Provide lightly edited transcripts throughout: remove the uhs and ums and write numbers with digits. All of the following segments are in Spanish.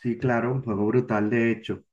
Sí, claro, un juego brutal, de hecho.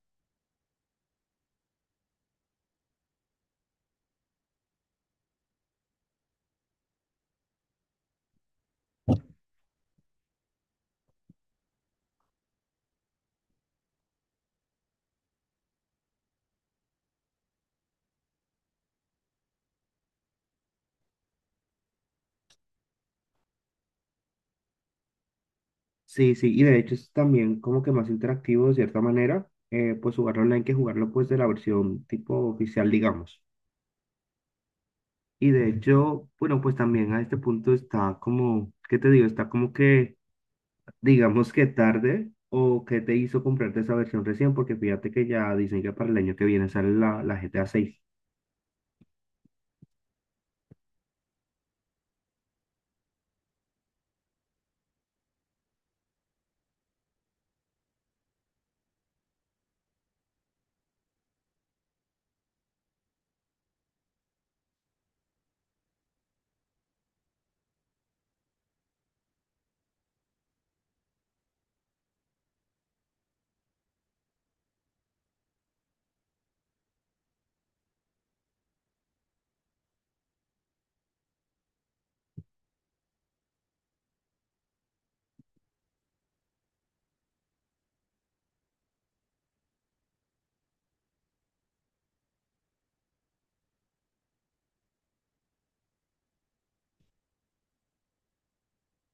Sí, sí, y de hecho es también como que más interactivo de cierta manera, pues jugarlo online que jugarlo pues de la versión tipo oficial, digamos. Y de hecho, bueno, pues también a este punto está como, ¿qué te digo? Está como que, digamos que tarde o que te hizo comprarte esa versión recién, porque fíjate que ya dicen que para el año que viene sale la GTA 6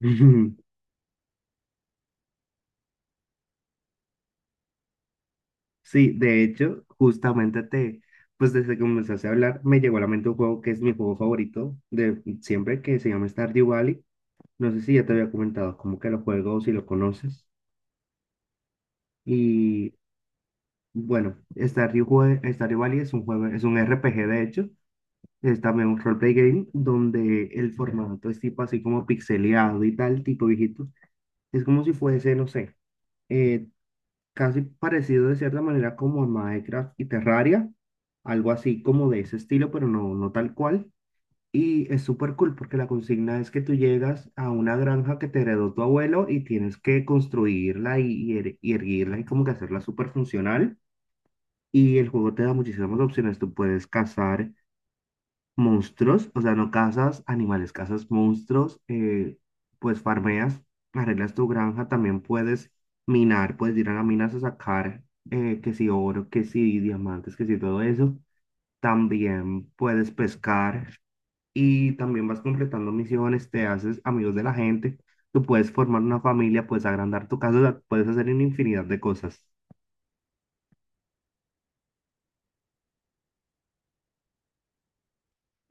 Sí, de hecho, pues desde que comenzaste a hablar, me llegó a la mente un juego que es mi juego favorito de siempre, que se llama Stardew Valley. No sé si ya te había comentado como que lo juego, o si lo conoces. Y bueno, Stardew Valley es un juego, es un RPG de hecho, es también un roleplay game donde el formato es tipo así como pixeleado y tal, tipo viejito. Es como si fuese, no sé, eh, casi parecido de cierta manera como a Minecraft y Terraria, algo así como de ese estilo, pero no, no tal cual. Y es súper cool porque la consigna es que tú llegas a una granja que te heredó tu abuelo y tienes que construirla y erguirla y como que hacerla súper funcional. Y el juego te da muchísimas opciones. Tú puedes cazar monstruos, o sea, no cazas animales, cazas monstruos, pues farmeas, arreglas tu granja, también puedes minar, puedes ir a las minas a sacar que si oro, que si diamantes, que si todo eso. También puedes pescar y también vas completando misiones, te haces amigos de la gente, tú puedes formar una familia, puedes agrandar tu casa, o sea, puedes hacer una infinidad de cosas.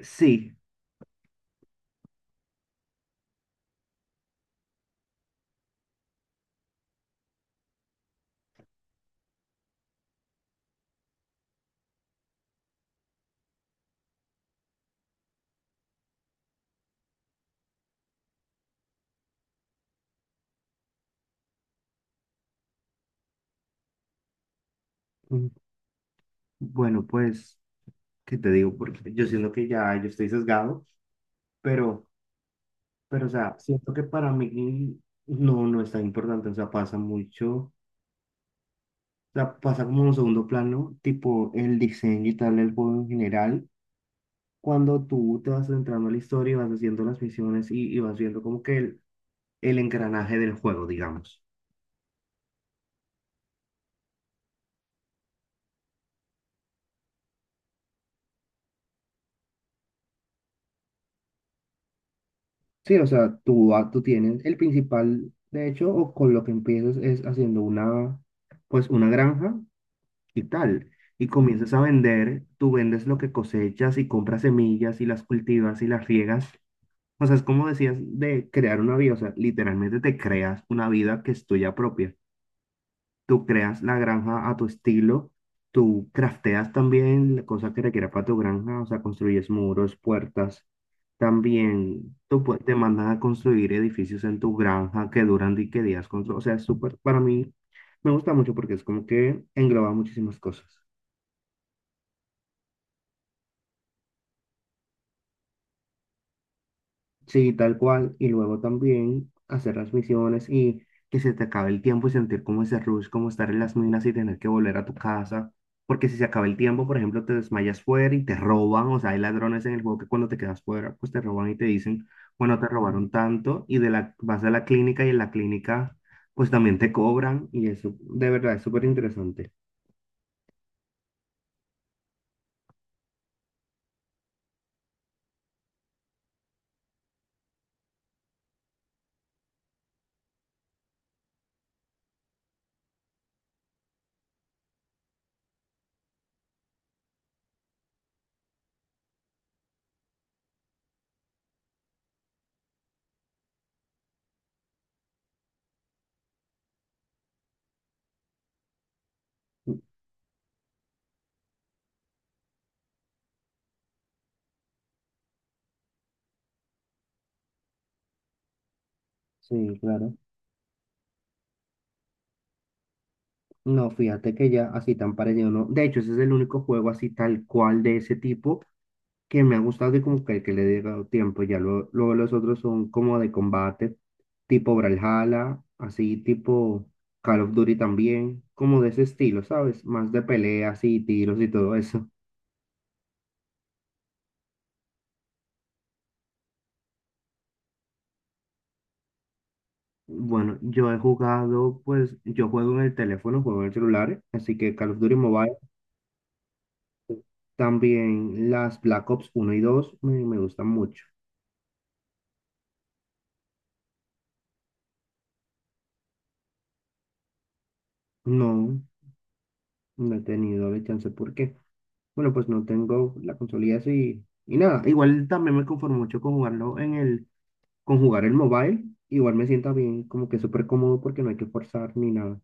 Sí, mm, bueno, pues, ¿qué te digo? Porque yo siento que ya yo estoy sesgado, pero. Pero, o sea, siento que para mí no, no es tan importante, o sea, pasa mucho, o sea, pasa como un segundo plano, tipo el diseño y tal, el juego en general, cuando tú te vas centrando en la historia y vas haciendo las misiones y vas viendo como que el engranaje del juego, digamos. Sí, o sea, tú, ah, tú tienes el principal, de hecho, o con lo que empiezas es haciendo una, pues, una granja y tal y comienzas a vender, tú vendes lo que cosechas y compras semillas y las cultivas y las riegas. O sea, es como decías de crear una vida, o sea, literalmente te creas una vida que es tuya propia. Tú creas la granja a tu estilo, tú crafteas también la cosa que requiera para tu granja, o sea, construyes muros, puertas. También te mandan a construir edificios en tu granja que duran di que días o sea, es súper, para mí me, gusta mucho porque es como que engloba muchísimas cosas. Sí, tal cual. Y luego también hacer las misiones y que se te acabe el tiempo y sentir como ese rush, como estar en las minas y tener que volver a tu casa. Porque si se acaba el tiempo, por ejemplo, te desmayas fuera y te roban. O sea, hay ladrones en el juego que cuando te quedas fuera, pues te roban y te dicen, bueno, te robaron tanto. Y de la, vas a la clínica y en la clínica, pues también te cobran. Y eso, de verdad, es súper interesante. Sí, claro. No, fíjate que ya así tan parecido, ¿no? De hecho, ese es el único juego así tal cual de ese tipo que me ha gustado y como que le he dado tiempo. Ya luego luego los otros son como de combate, tipo Brawlhalla, así tipo Call of Duty también, como de ese estilo, ¿sabes? Más de peleas y tiros y todo eso. Bueno, yo he jugado, pues yo juego en el teléfono, juego en el celular, así que Call of Duty Mobile. También las Black Ops uno y 2 me gustan mucho. No, no he tenido la chance. ¿Por qué? Bueno, pues no tengo la consolilla así y nada. Igual también me conformo mucho con jugarlo en el, con jugar el mobile. Igual me sienta bien, como que súper cómodo porque no hay que forzar ni nada.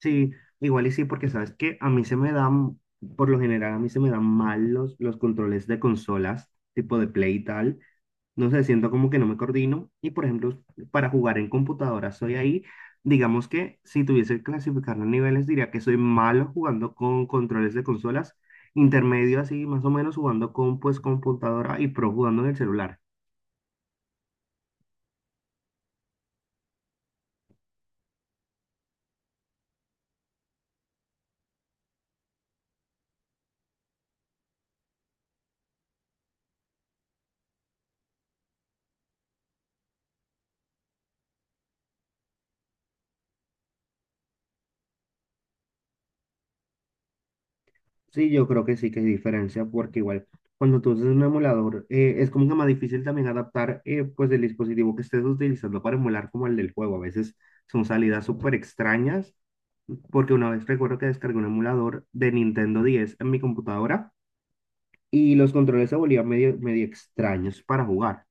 Sí, igual y sí, porque sabes que a mí se me dan, por lo general, a mí se me dan mal los controles de consolas, tipo de Play y tal. No sé, siento como que no me coordino. Y por ejemplo, para jugar en computadora soy ahí. Digamos que si tuviese que clasificar los niveles, diría que soy malo jugando con controles de consolas, intermedio así, más o menos jugando con pues computadora y pro jugando en el celular. Sí, yo creo que sí que hay diferencia porque igual cuando tú usas un emulador es como que más difícil también adaptar pues el dispositivo que estés utilizando para emular como el del juego. A veces son salidas súper extrañas porque una vez recuerdo que descargué un emulador de Nintendo 10 en mi computadora y los controles se volvían medio, medio extraños para jugar.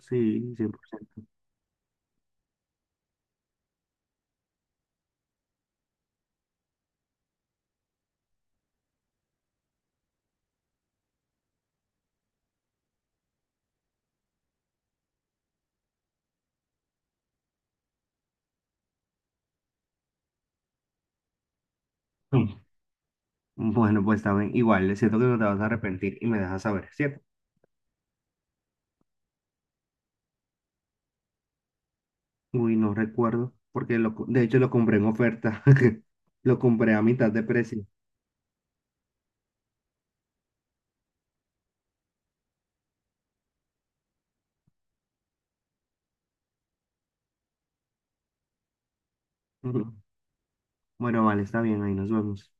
Sí, 100%. Mm. Bueno, pues también igual, siento que no te vas a arrepentir y me dejas saber, ¿cierto? Uy, no recuerdo, porque lo, co- de hecho lo compré en oferta. Lo compré a mitad de precio. Ujú. Bueno, vale, está bien, ahí nos vemos.